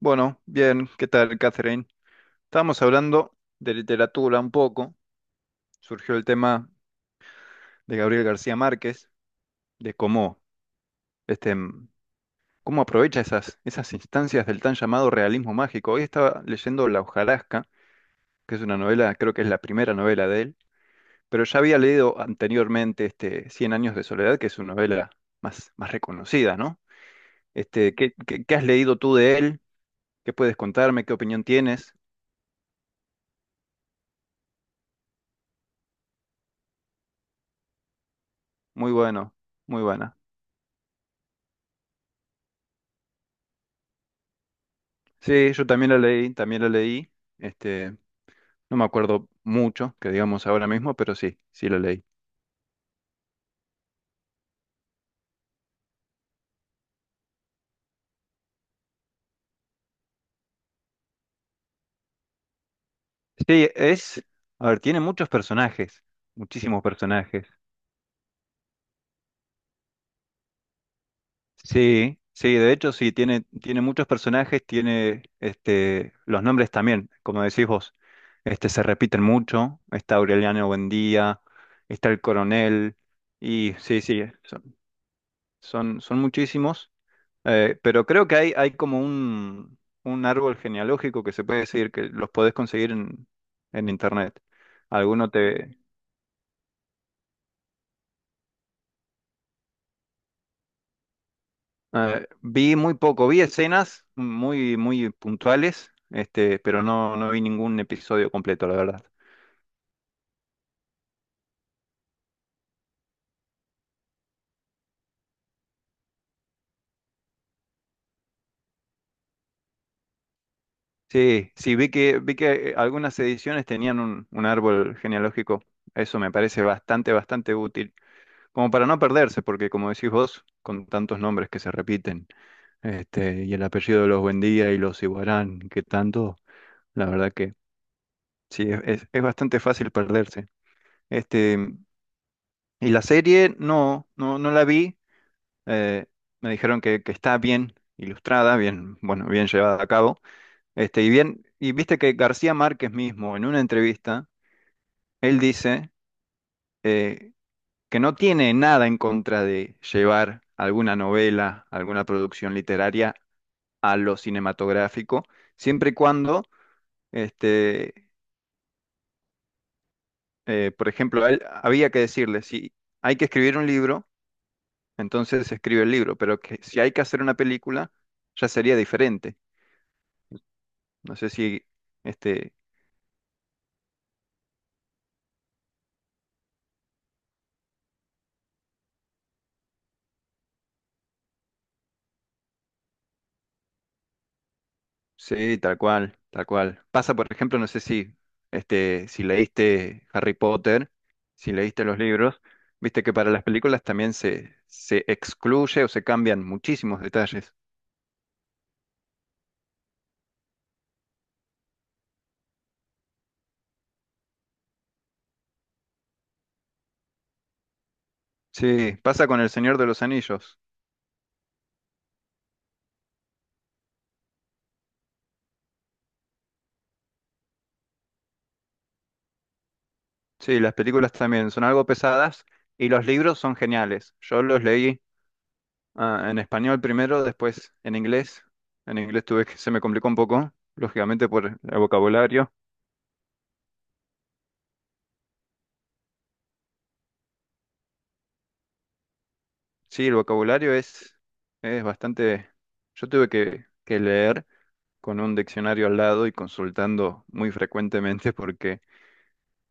Bueno, bien, ¿qué tal, Catherine? Estábamos hablando de literatura un poco. Surgió el tema de Gabriel García Márquez, de cómo, este, mm, cómo aprovecha esas instancias del tan llamado realismo mágico. Hoy estaba leyendo La hojarasca, que es una novela, creo que es la primera novela de él, pero ya había leído anteriormente Cien años de soledad, que es una novela más reconocida, ¿no? ¿ qué has leído tú de él? ¿Qué puedes contarme? ¿Qué opinión tienes? Muy bueno, muy buena. Sí, yo también lo leí, también lo leí. Este, no me acuerdo mucho, que digamos ahora mismo, pero sí, sí lo leí. Sí, es, a ver, tiene muchos personajes, muchísimos personajes. Sí, sí, de hecho sí, tiene muchos personajes, tiene los nombres también, como decís vos, se repiten mucho. Está Aureliano Buendía, está el coronel, y sí, sí, son muchísimos. Pero creo que hay como un árbol genealógico que se puede decir que los podés conseguir en internet. Alguno te... vi muy poco, vi escenas muy puntuales, pero no, no vi ningún episodio completo, la verdad. Sí, sí, vi que algunas ediciones tenían un árbol genealógico. Eso me parece bastante, bastante útil. Como para no perderse, porque como decís vos, con tantos nombres que se repiten. Y el apellido de los Buendía y los Iguarán, que tanto, la verdad que sí, es bastante fácil perderse. Este, y la serie no la vi, eh, me dijeron que está bien ilustrada, bien, bueno, bien llevada a cabo, y bien, y viste que García Márquez mismo, en una entrevista, él dice eh, que no tiene nada en contra de llevar alguna novela, alguna producción literaria a lo cinematográfico, siempre y cuando Este, por ejemplo, a él había que decirle, si hay que escribir un libro, entonces se escribe el libro, pero que si hay que hacer una película, ya sería diferente. No sé si, este, sí, tal cual, tal cual. Pasa, por ejemplo, no sé si, si leíste Harry Potter, si leíste los libros, viste que para las películas también se excluye o se cambian muchísimos detalles. Sí, pasa con El Señor de los Anillos. Sí, las películas también son algo pesadas y los libros son geniales. Yo los leí en español primero, después en inglés. En inglés tuve que se me complicó un poco, lógicamente por el vocabulario. Sí, el vocabulario es bastante... Yo tuve que leer con un diccionario al lado y consultando muy frecuentemente porque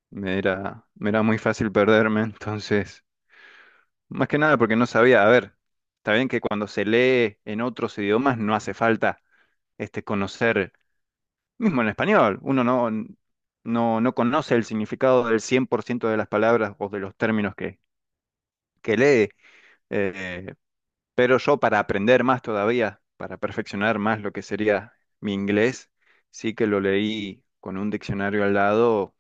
me era muy fácil perderme. Entonces, más que nada porque no sabía, a ver, está bien que cuando se lee en otros idiomas no hace falta conocer, mismo en español, uno no, no, no conoce el significado del 100% de las palabras o de los términos que lee, eh, pero yo para aprender más todavía, para perfeccionar más lo que sería mi inglés, sí que lo leí con un diccionario al lado,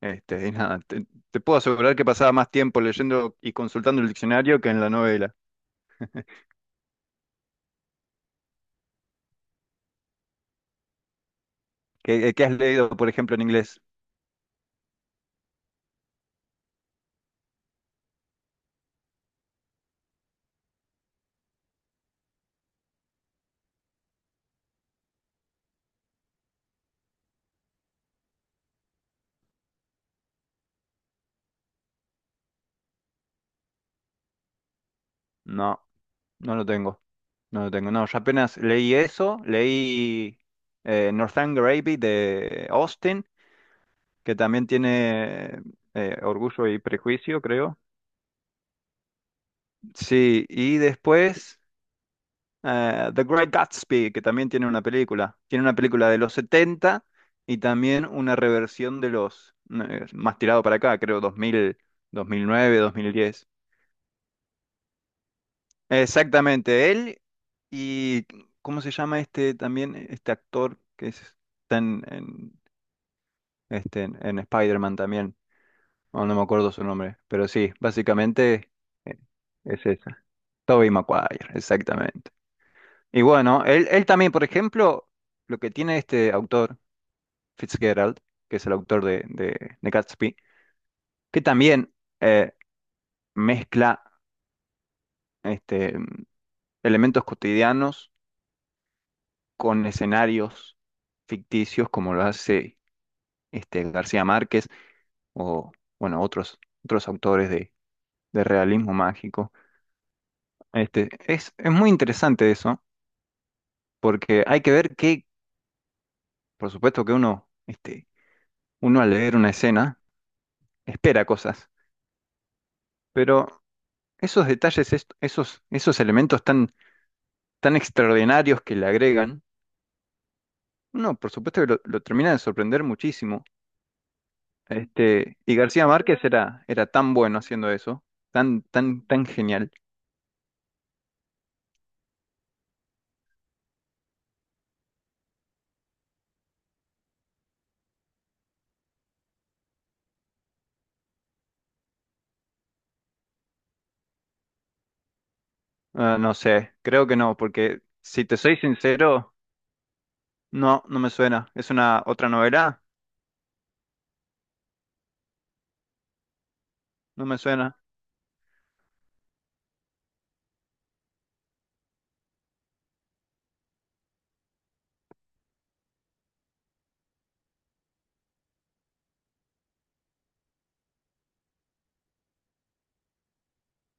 y nada, te puedo asegurar que pasaba más tiempo leyendo y consultando el diccionario que en la novela. ¿Qué, has leído, por ejemplo, en inglés? No. No lo tengo. No lo tengo. No, yo apenas leí eso, leí Northanger Abbey de Austin, que también tiene Orgullo y Prejuicio, creo. Sí, y después The Great Gatsby, que también tiene una película. Tiene una película de los 70 y también una reversión de los, más tirado para acá, creo, dos mil dos mil nueve 2010. Exactamente, él y ¿cómo se llama este también? Este actor que es- está en Spider-Man también. No, no me acuerdo su nombre, pero sí, básicamente eh, es esa. Tobey Maguire, exactamente. Y bueno, él también, por ejemplo, lo que tiene este autor, Fitzgerald, que es el autor de Gatsby, que también eh, mezcla este, elementos cotidianos con escenarios ficticios como lo hace García Márquez o bueno, otros autores de realismo mágico. Es muy interesante eso, porque hay que ver que, por supuesto que uno, uno al leer una escena espera cosas, pero esos detalles, esos elementos tan extraordinarios que le agregan, uno por supuesto que lo termina de sorprender muchísimo. Y García Márquez era tan bueno haciendo eso, tan genial. Ah, no sé, creo que no, porque si te soy sincero, no, no me suena. ¿Es una otra novela? No me suena.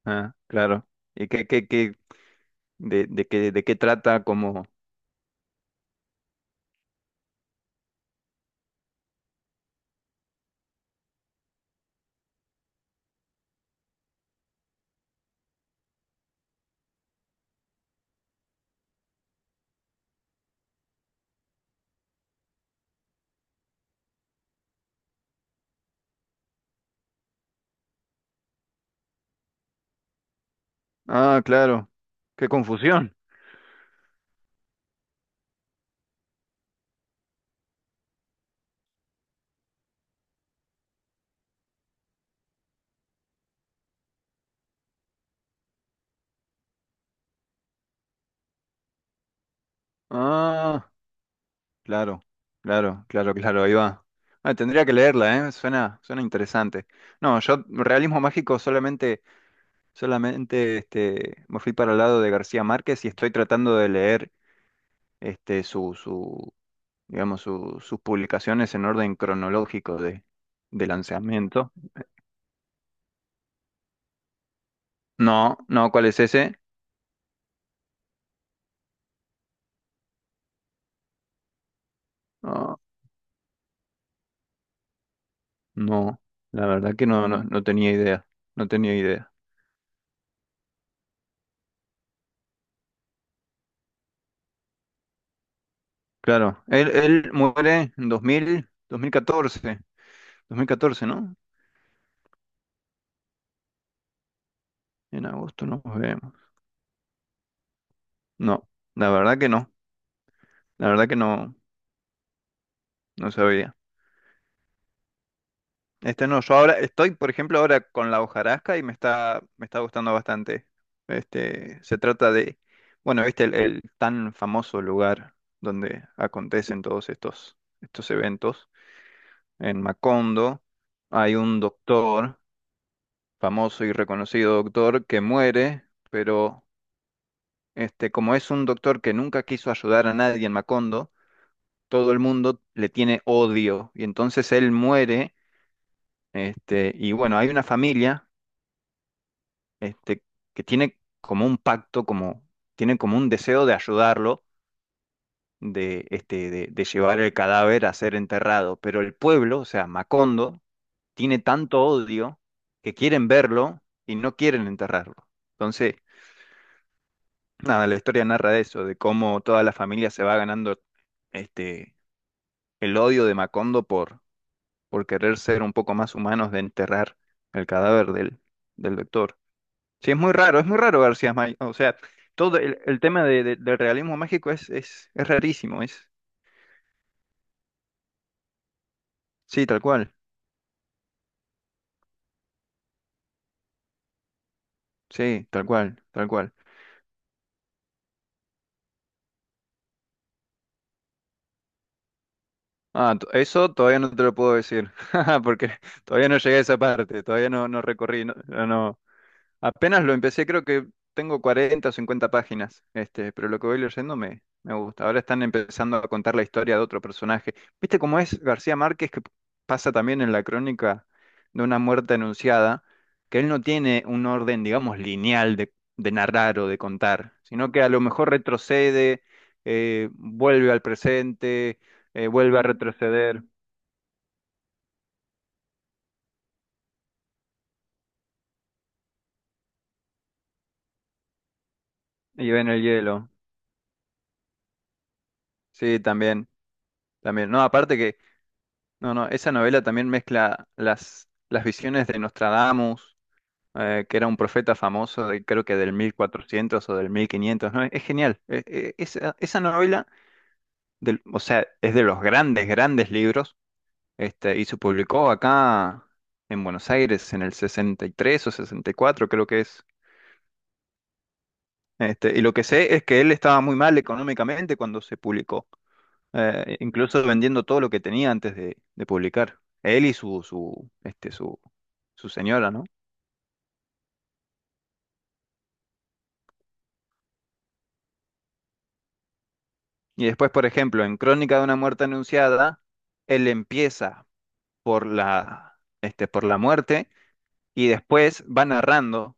Ah, claro. ¿Y qué, qué, qué, de qué trata como? Ah, claro. Qué confusión. Ah, claro, claro, ahí va. Ah, tendría que leerla, ¿eh? Suena, suena interesante. No, yo realismo mágico solamente solamente me fui para el lado de García Márquez y estoy tratando de leer este, su, su, digamos, sus publicaciones en orden cronológico de lanzamiento. No, no, ¿cuál es ese? No, no, la verdad que no, no tenía idea, no tenía idea. Claro, él muere en dos mil, 2014, dos mil catorce, ¿no? En agosto nos vemos. No, la verdad que no, la verdad que no, no sabía. Este no, yo ahora estoy, por ejemplo, ahora con la hojarasca y me está gustando bastante. Se trata de, bueno, viste el tan famoso lugar donde acontecen estos eventos. En Macondo hay un doctor, famoso y reconocido doctor, que muere, pero como es un doctor que nunca quiso ayudar a nadie en Macondo, todo el mundo le tiene odio. Y entonces él muere, y bueno, hay una familia este, que tiene como un pacto, como, tiene como un deseo de ayudarlo, de llevar el cadáver a ser enterrado. Pero el pueblo, o sea, Macondo, tiene tanto odio que quieren verlo y no quieren enterrarlo. Entonces, nada, la historia narra de eso, de cómo toda la familia se va ganando este, el odio de Macondo por querer ser un poco más humanos de enterrar el cadáver del doctor. Sí, es muy raro García Márquez. O sea, todo el tema del realismo mágico es rarísimo, es. Sí, tal cual. Sí, tal cual, tal cual. Ah, eso todavía no te lo puedo decir, porque todavía no llegué a esa parte, todavía no, no recorrí, no, no. Apenas lo empecé, creo que tengo 40 o 50 páginas, pero lo que voy leyendo me gusta. Ahora están empezando a contar la historia de otro personaje. ¿Viste cómo es García Márquez, que pasa también en la crónica de una muerte anunciada, que él no tiene un orden, digamos, lineal de narrar o de contar, sino que a lo mejor retrocede, vuelve al presente, vuelve a retroceder y ve en el hielo. Sí, también, también. No, aparte que... No, no, esa novela también mezcla las visiones de Nostradamus, que era un profeta famoso, de, creo que del 1400 o del 1500, ¿no? Es genial. Esa novela, o sea, es de los grandes, grandes libros, y se publicó acá en Buenos Aires en el 63 o 64, creo que es. Y lo que sé es que él estaba muy mal económicamente cuando se publicó. Incluso vendiendo todo lo que tenía antes de publicar. Él y su señora, ¿no? Y después, por ejemplo, en Crónica de una muerte anunciada, él empieza por la, por la muerte y después va narrando,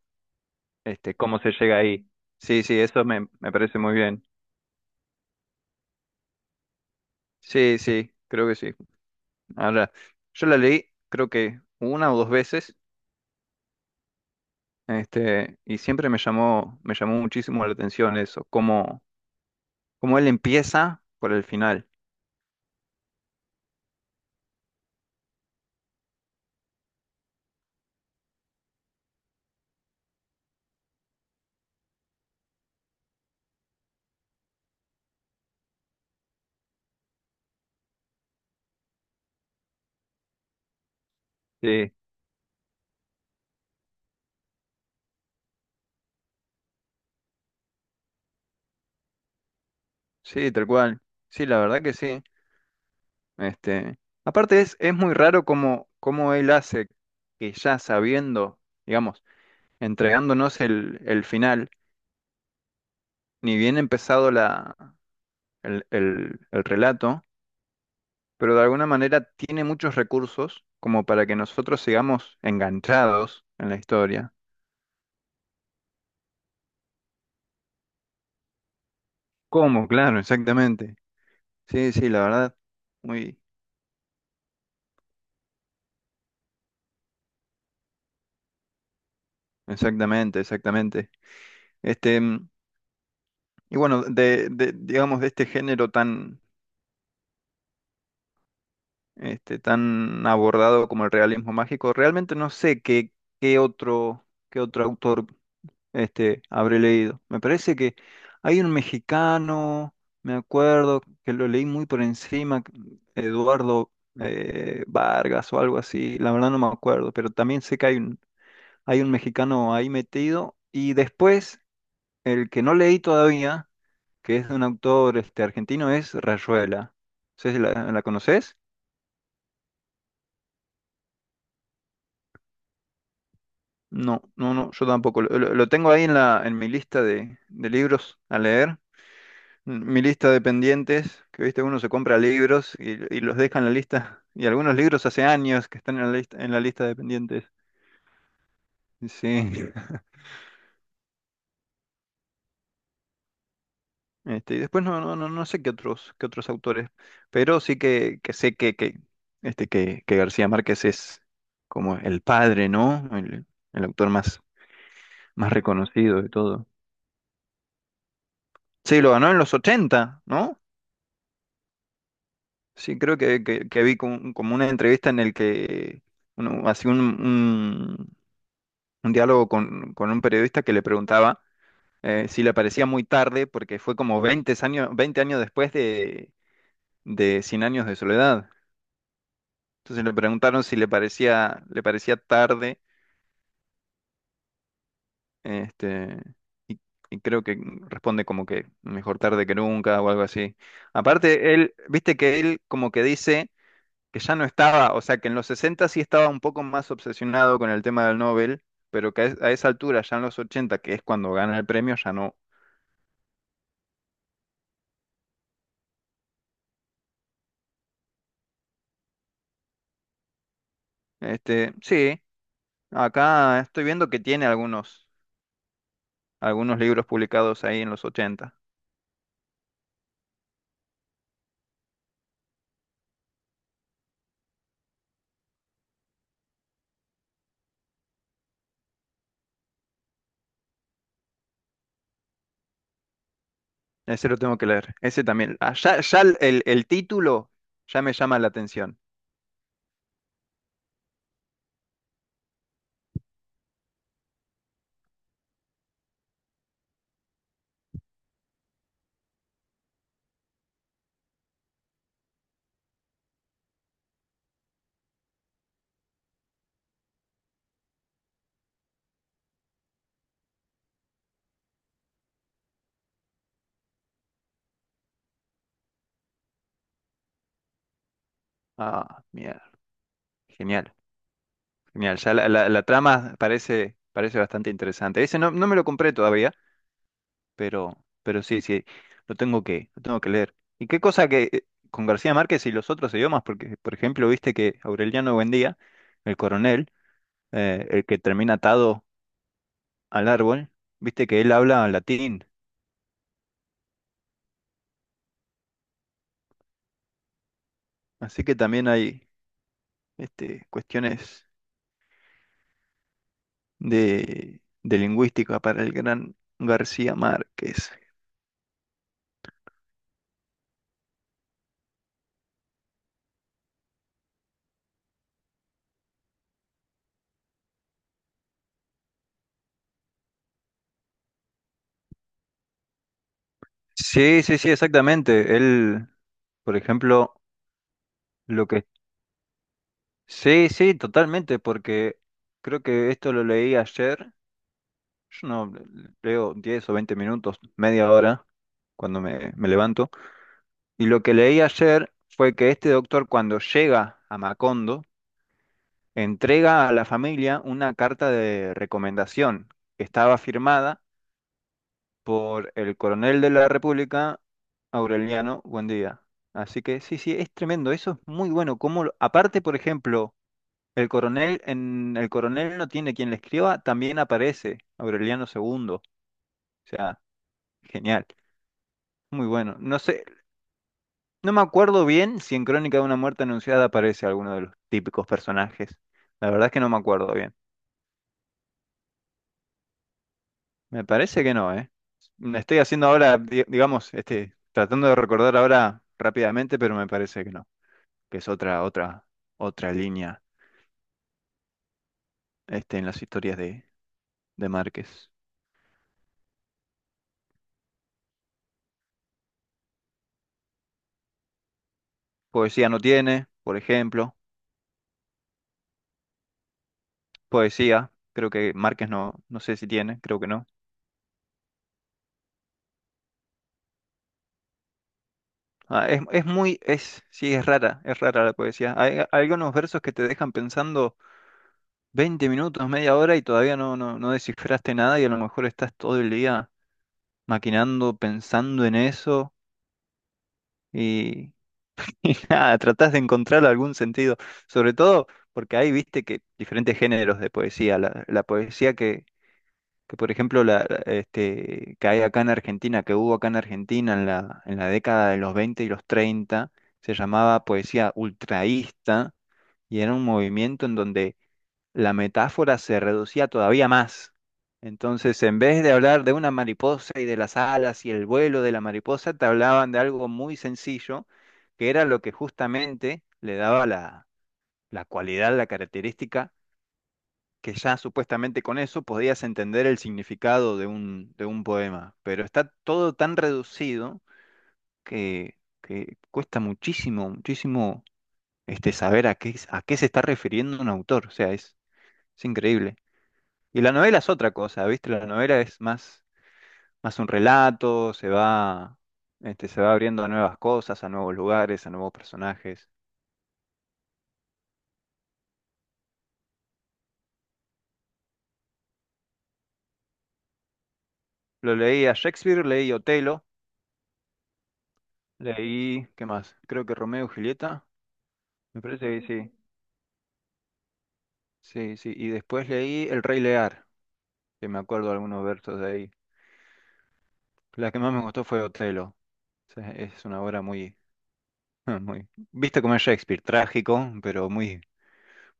cómo se llega ahí. Sí, sí, eso me parece muy bien. Sí, sí, creo que sí. Ahora, yo la leí, creo que una o dos veces, y siempre me llamó muchísimo la atención eso, cómo como él empieza por el final. Sí, sí, tal cual. Sí, la verdad que sí. Este, Aparte es muy raro cómo, cómo él hace que ya sabiendo, digamos, entregándonos el final, ni bien empezado el relato, pero de alguna manera tiene muchos recursos como para que nosotros sigamos enganchados en la historia. ¿Cómo? Claro, exactamente. Sí, sí, la verdad. Muy, exactamente, exactamente. Este, Y bueno, digamos, de este género tan, tan abordado como el realismo mágico, realmente no sé qué, qué otro, qué otro autor habré leído. Me parece que hay un mexicano, me acuerdo, que lo leí muy por encima, Eduardo Vargas o algo así, la verdad no me acuerdo, pero también sé que hay hay un mexicano ahí metido. Y después, el que no leí todavía que es de un autor argentino, es Rayuela. ¿Sí la conoces? No, no, no, yo tampoco. Lo tengo ahí en mi lista de libros a leer. Mi lista de pendientes, que viste, uno se compra libros y los deja en la lista. Y algunos libros hace años que están en la lista de pendientes. Sí. Y después no sé qué otros autores, pero sí que sé que García Márquez es como el padre, ¿no? El autor más reconocido y todo. Sí, lo ganó en los 80, ¿no? Sí, creo que vi como una entrevista en el que uno hacía un diálogo con un periodista que le preguntaba si le parecía muy tarde porque fue como veinte años después de Cien años de soledad. Entonces le preguntaron si le parecía tarde, este, y, y creo que responde como que mejor tarde que nunca o algo así. Aparte, él, viste que él como que dice que ya no estaba, o sea, que en los 60 sí estaba un poco más obsesionado con el tema del Nobel, pero que a esa altura, ya en los 80, que es cuando gana el premio, ya no. Sí, acá estoy viendo que tiene algunos libros publicados ahí en los 80. Ese lo tengo que leer. Ese también. Ah, ya ya el título ya me llama la atención. Ah, mierda. Genial, genial. Ya la trama parece bastante interesante. Ese no, no me lo compré todavía, pero, pero sí, sí, lo tengo que leer. Y qué cosa que con García Márquez y los otros idiomas, porque, por ejemplo, viste que Aureliano Buendía, el coronel, el que termina atado al árbol, viste que él habla latín. Así que también hay cuestiones de lingüística para el gran García Márquez. Sí, sí, sí, exactamente. Él, por ejemplo, lo que... Sí, sí, totalmente, porque creo que esto lo leí ayer. Yo no leo 10 o 20 minutos, media hora, cuando me levanto. Y lo que leí ayer fue que este doctor, cuando llega a Macondo, entrega a la familia una carta de recomendación que estaba firmada por el coronel de la República, Aureliano Buendía. Así que sí, sí, es tremendo, eso es muy bueno. Como, aparte, por ejemplo, el coronel, en el coronel no tiene quien le escriba, también aparece Aureliano segundo. O sea, genial. Muy bueno. No sé, no me acuerdo bien si en Crónica de una muerte anunciada aparece alguno de los típicos personajes. La verdad es que no me acuerdo bien. Me parece que no, ¿eh? Me estoy haciendo ahora, digamos, tratando de recordar ahora rápidamente, pero me parece que no, que es otra línea, en las historias de Márquez. Poesía no tiene, por ejemplo. Poesía, creo que Márquez no, no sé si tiene, creo que no. Ah, sí, es rara la poesía. Hay algunos versos que te dejan pensando 20 minutos, media hora y todavía no, no, no descifraste nada y a lo mejor estás todo el día maquinando, pensando en eso y, y nada, tratás de encontrar algún sentido. Sobre todo porque ahí viste que diferentes géneros de poesía, la poesía que por ejemplo que hay acá en Argentina, que hubo acá en Argentina en la década de los 20 y los 30, se llamaba poesía ultraísta y era un movimiento en donde la metáfora se reducía todavía más. Entonces, en vez de hablar de una mariposa y de las alas y el vuelo de la mariposa, te hablaban de algo muy sencillo, que era lo que justamente le daba la, la cualidad, la característica que ya supuestamente con eso podías entender el significado de un poema, pero está todo tan reducido que cuesta muchísimo, muchísimo, saber a qué se está refiriendo un autor, o sea, es increíble. Y la novela es otra cosa, ¿viste? La novela es más un relato, se va abriendo a nuevas cosas, a nuevos lugares, a nuevos personajes. Lo leí a Shakespeare, leí Otelo, leí, ¿qué más? Creo que Romeo y Julieta, me parece que sí. Sí, sí, y después leí El Rey Lear, que me acuerdo algunos versos de ahí. La que más me gustó fue Otelo. O sea, es una obra muy, muy, viste como es Shakespeare, trágico, pero muy,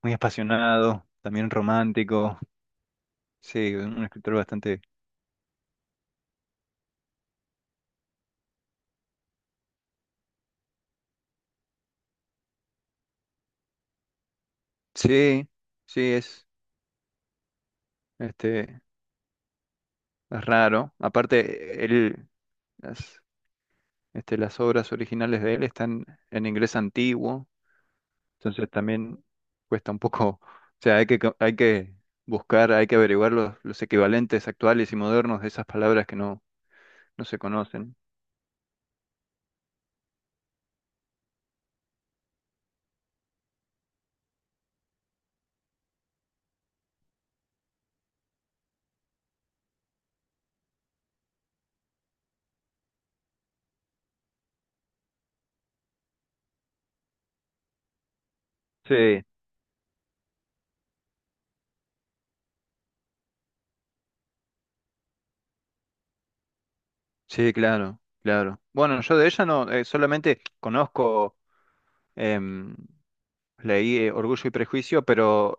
muy apasionado, también romántico. Sí, un escritor bastante. Sí, sí, este, es raro. Aparte, él, las, las obras originales de él están en inglés antiguo. Entonces también cuesta un poco, o sea, hay que buscar, hay que averiguar los equivalentes actuales y modernos de esas palabras que no, no se conocen. Sí. Sí, claro, claro. Bueno, yo de ella no, solamente conozco, em, leí Orgullo y Prejuicio, pero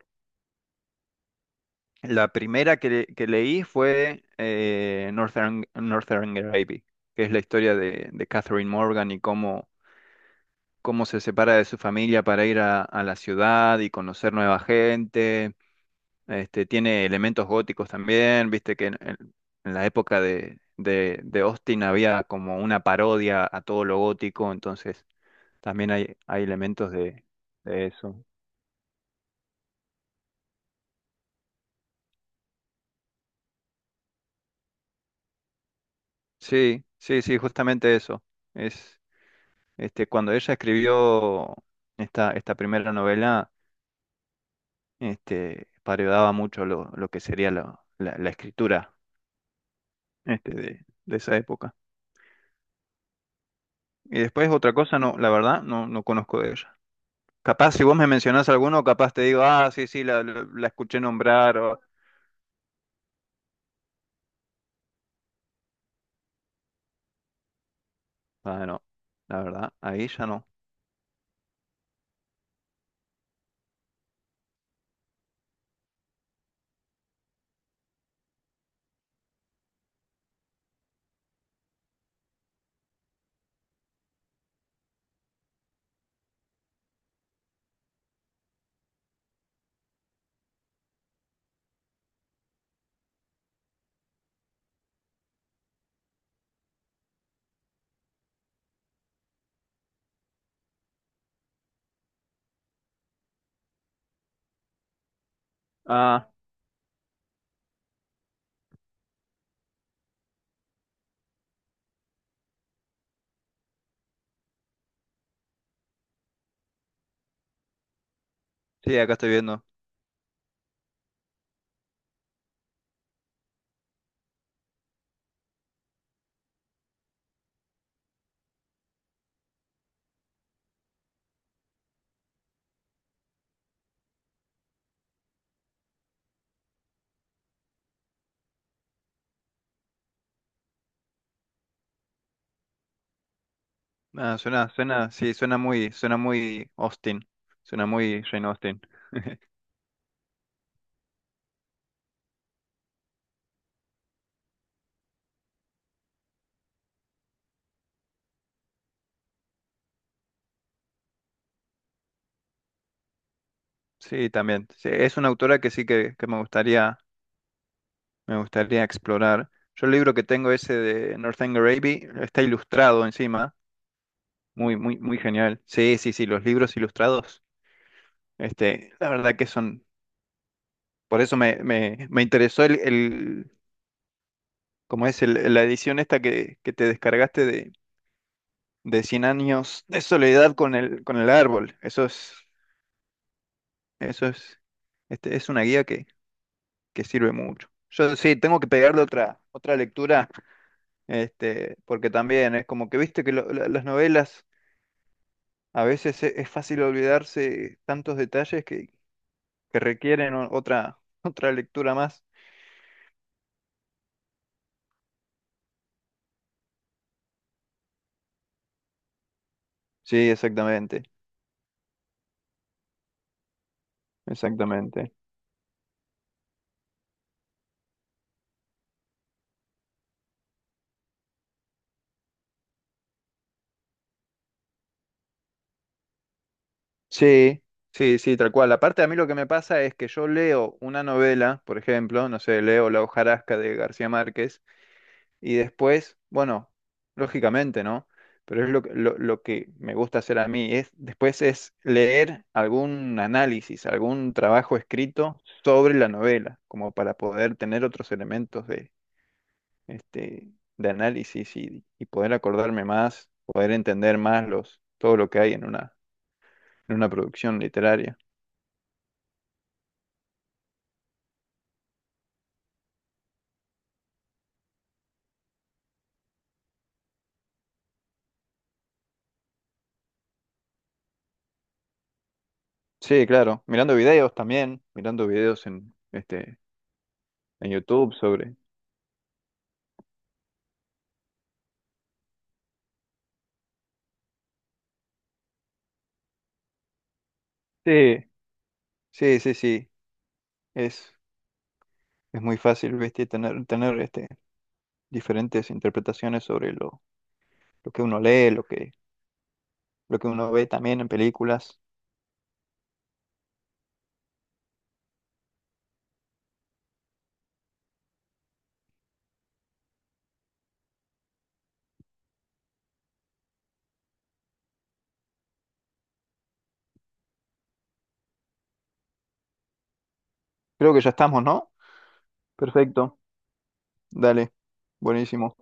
la primera que leí fue Northern Abbey, que es la historia de Catherine Morgan y cómo se separa de su familia para ir a la ciudad y conocer nueva gente. Tiene elementos góticos también, viste que en la época de Austin había como una parodia a todo lo gótico, entonces también hay elementos de eso. Sí, sí, sí, justamente eso. Es, Cuando ella escribió esta primera novela, parodiaba mucho lo que sería la escritura, de esa época. Y después otra cosa, no, la verdad, no, no conozco de ella. Capaz si vos me mencionás alguno, capaz te digo, ah, sí, sí, la escuché nombrar o... Ah, no, la verdad, ahí ya no. Ah, sí, acá estoy viendo. Ah, suena, sí, suena muy Austin, suena muy Jane Austen. Sí, también. Sí, es una autora que sí que me gustaría explorar. Yo el libro que tengo ese de Northanger Abbey está ilustrado encima, muy, muy, muy genial. Sí, sí, sí, los libros ilustrados. La verdad que son, por eso me interesó el, ¿cómo es? La edición esta que te descargaste de Cien años de soledad con el árbol. Eso es, eso es, es una guía que sirve mucho. Yo sí, tengo que pegarle otra lectura, porque también es como que viste que las novelas a veces es, fácil olvidarse tantos detalles que requieren otra lectura más. Sí, exactamente, exactamente. Sí, sí, sí, tal cual. Aparte, a mí lo que me pasa es que yo leo una novela, por ejemplo, no sé, leo La hojarasca de García Márquez, y después, bueno, lógicamente, ¿no? Pero es lo que me gusta hacer a mí, es después es leer algún análisis, algún trabajo escrito sobre la novela, como para poder tener otros elementos de, de análisis y poder acordarme más, poder entender más todo lo que hay en una producción literaria. Sí, claro. Mirando videos también, mirando videos en YouTube sobre. Sí, sí, sí, sí. Es, es muy fácil, ¿viste? Tener diferentes interpretaciones sobre lo que uno lee, lo que uno ve también en películas. Creo que ya estamos, ¿no? Perfecto. Dale. Buenísimo.